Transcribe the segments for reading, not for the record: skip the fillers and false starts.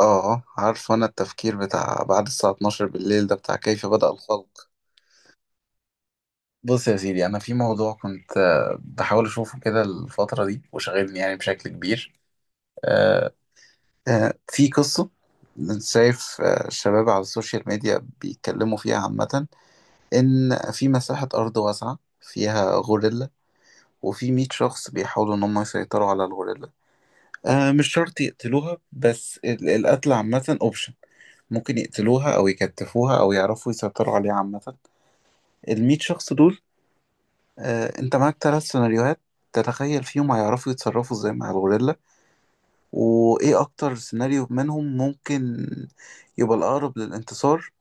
اه، عارف انا التفكير بتاع بعد الساعة 12 بالليل ده بتاع كيف بدأ الخلق. بص يا سيدي، انا في موضوع كنت بحاول اشوفه كده الفترة دي وشاغلني يعني بشكل كبير. آه، في قصة. شايف الشباب على السوشيال ميديا بيتكلموا فيها عامة، ان في مساحة ارض واسعة فيها غوريلا، وفي 100 شخص بيحاولوا ان هم يسيطروا على الغوريلا. مش شرط يقتلوها، بس القتل عامة اوبشن. ممكن يقتلوها أو يكتفوها أو يعرفوا يسيطروا عليها عامة. المية شخص دول، أنت معاك ثلاث سيناريوهات تتخيل فيهم هيعرفوا يتصرفوا ازاي مع الغوريلا، وإيه أكتر سيناريو منهم ممكن يبقى الأقرب للانتصار،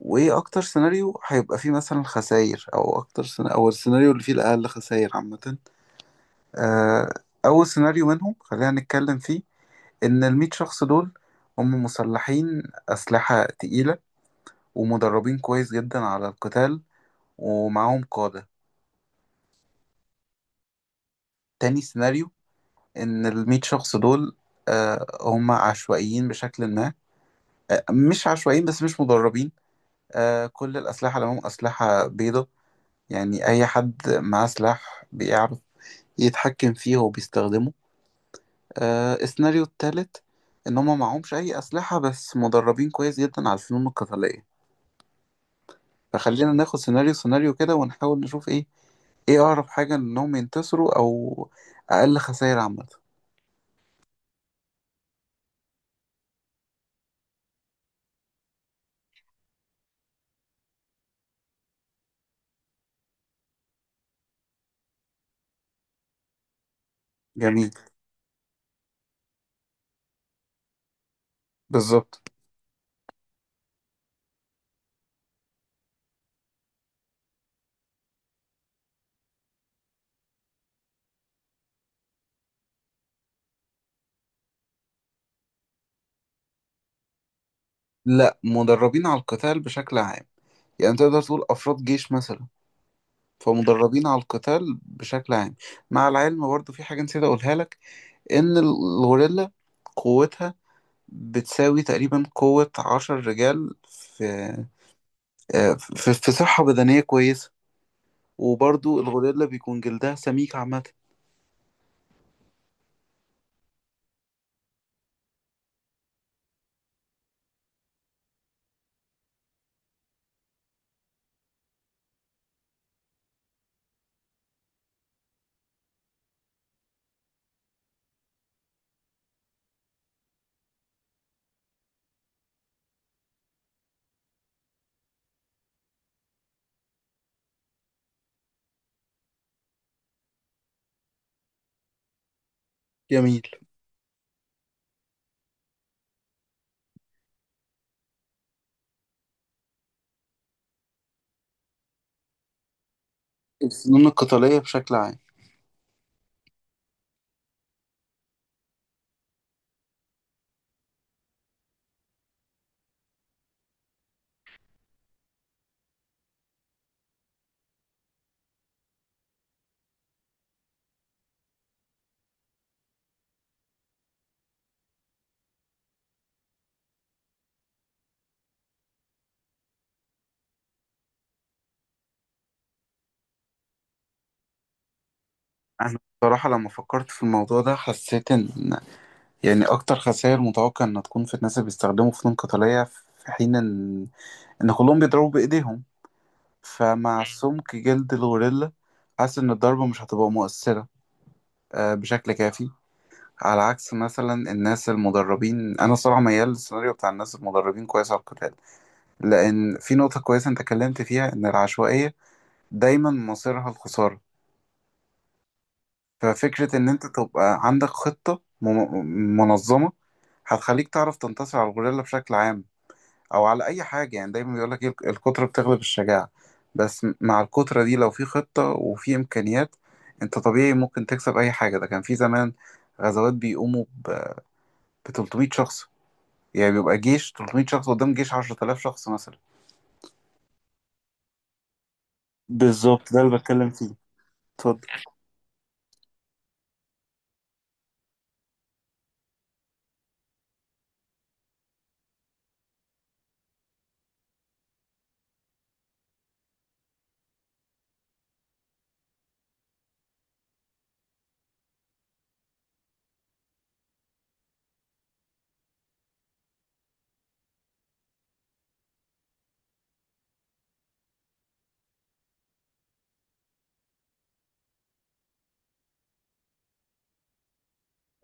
وإيه أكتر سيناريو هيبقى فيه مثلا خسائر، أو أكتر سيناريو أو السيناريو اللي فيه الأقل خسائر عامة. آه، أول سيناريو منهم خلينا نتكلم فيه. إن المية شخص دول هم مسلحين أسلحة تقيلة، ومدربين كويس جدا على القتال، ومعاهم قادة. تاني سيناريو، إن المية شخص دول هم عشوائيين بشكل ما. مش عشوائيين بس مش مدربين. كل الأسلحة اللي معاهم أسلحة بيضة، يعني أي حد معاه سلاح بيعرف يتحكم فيه وبيستخدمه. السيناريو التالت، إن هم معهمش أي أسلحة بس مدربين كويس جدا على الفنون القتالية. فخلينا ناخد سيناريو سيناريو كده ونحاول نشوف إيه أقرب حاجة إنهم ينتصروا أو أقل خسائر عامة. جميل. بالظبط. لا، مدربين على القتال بشكل عام، يعني تقدر تقول أفراد جيش مثلا. فمدربين على القتال بشكل عام. مع العلم برضه في حاجة نسيت أقولها لك، إن الغوريلا قوتها بتساوي تقريبا قوة عشر رجال في في صحة بدنية كويسة. وبرضه الغوريلا بيكون جلدها سميك عامة. جميل. الفنون القتالية بشكل عام. أنا بصراحة لما فكرت في الموضوع ده حسيت إن، يعني أكتر خسائر متوقع إنها تكون في الناس اللي بيستخدموا فنون قتالية، في حين إن كلهم بيضربوا بإيديهم. فمع سمك جلد الغوريلا، حاسس إن الضربة مش هتبقى مؤثرة بشكل كافي. على عكس مثلا الناس المدربين، أنا صراحة ميال للسيناريو بتاع الناس المدربين كويس على القتال، لأن في نقطة كويسة أنت اتكلمت فيها إن العشوائية دايما مصيرها الخسارة. ففكرة إن أنت تبقى عندك خطة منظمة هتخليك تعرف تنتصر على الغوريلا بشكل عام، او على اي حاجه. يعني دايما بيقول لك الكتره بتغلب الشجاعه. بس مع الكتره دي لو في خطه وفي امكانيات، انت طبيعي ممكن تكسب اي حاجه. ده كان في زمان غزوات بيقوموا ب 300 شخص. يعني بيبقى جيش 300 شخص قدام جيش 10000 شخص مثلا. بالظبط، ده اللي بتكلم فيه. اتفضل.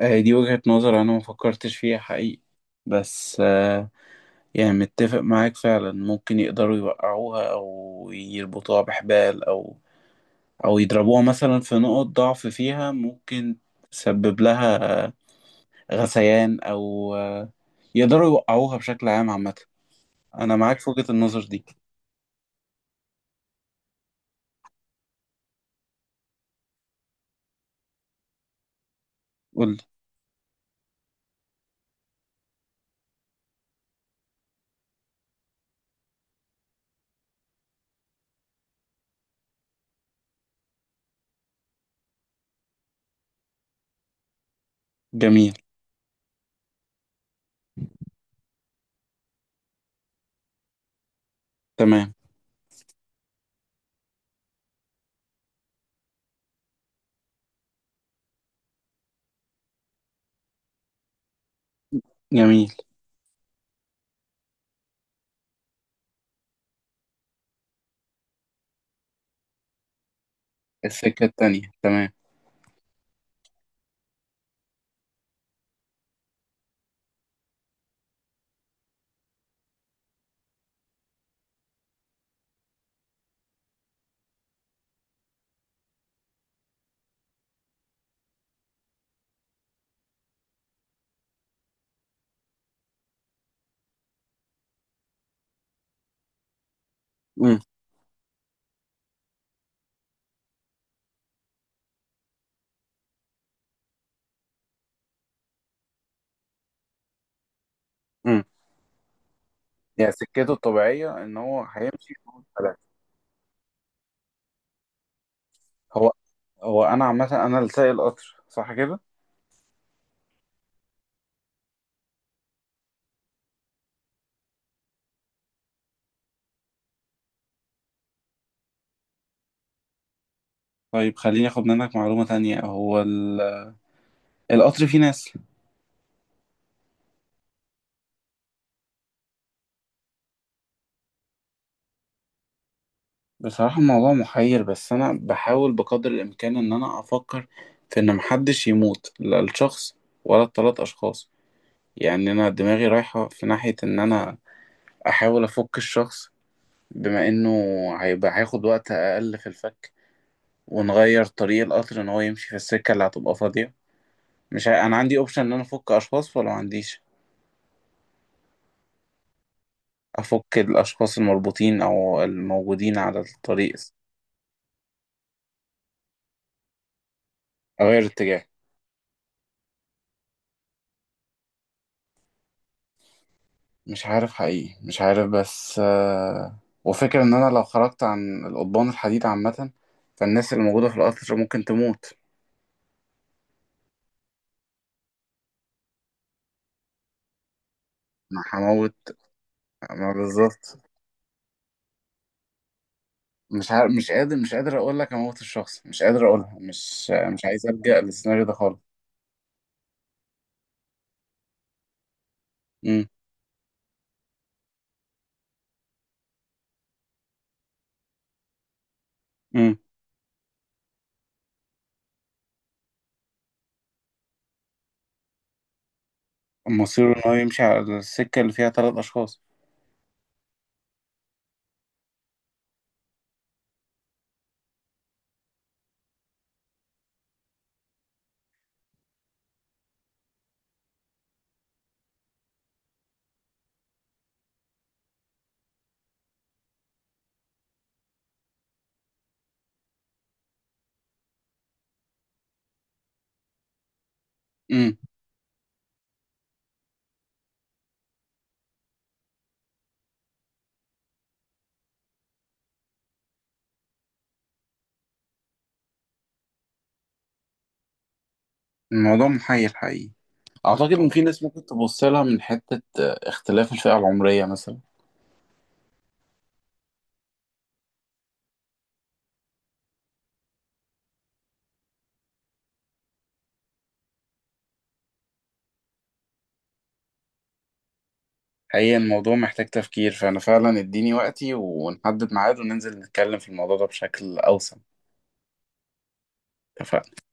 دي وجهة نظر أنا ما فكرتش فيها حقيقي، بس يعني متفق معاك فعلا. ممكن يقدروا يوقعوها، أو يربطوها بحبال، أو او يضربوها مثلا في نقط ضعف فيها ممكن تسبب لها غثيان، او يقدروا يوقعوها بشكل عام عامة. انا معاك في وجهة النظر دي. قول. جميل. تمام. جميل. السكة التانية. تمام. امم. امم. يعني سكته الطبيعية ان هو هيمشي يقول ثلاثة. هو هو انا عامة انا اللي سايق القطر صح كده؟ طيب خليني اخد منك معلومة تانية، هو القطر فيه ناس؟ بصراحة الموضوع محير، بس أنا بحاول بقدر الإمكان إن أنا أفكر في إن محدش يموت، لا الشخص ولا التلات أشخاص. يعني أنا دماغي رايحة في ناحية إن أنا أحاول أفك الشخص، بما إنه هيبقى هياخد وقت أقل في الفك، ونغير طريق القطر إن هو يمشي في السكة اللي هتبقى فاضية. مش ه... أنا عندي أوبشن إن أنا أفك أشخاص ولا معنديش؟ أفك الأشخاص المربوطين أو الموجودين على الطريق. أغير اتجاه. مش عارف حقيقي، مش عارف، بس وفكرة ان انا لو خرجت عن القضبان الحديد عامة، فالناس اللي موجودة في القطر ممكن تموت. ما هموت، ما بالظبط. مش عارف، مش قادر، مش قادر اقول لك اموت الشخص، مش قادر اقولها، مش عايز ابجأ للسيناريو ده خالص. امم. امم. مصيره ان هو يمشي على السكة اللي فيها ثلاث اشخاص. امم. الموضوع محير حقيقي. اعتقد ان في ناس ممكن تبص لها من حتة اختلاف الفئة العمرية مثلا. حقيقة الموضوع محتاج تفكير، فأنا فعلا اديني وقتي، ونحدد ميعاد وننزل نتكلم في الموضوع ده بشكل أوسع. اتفقنا.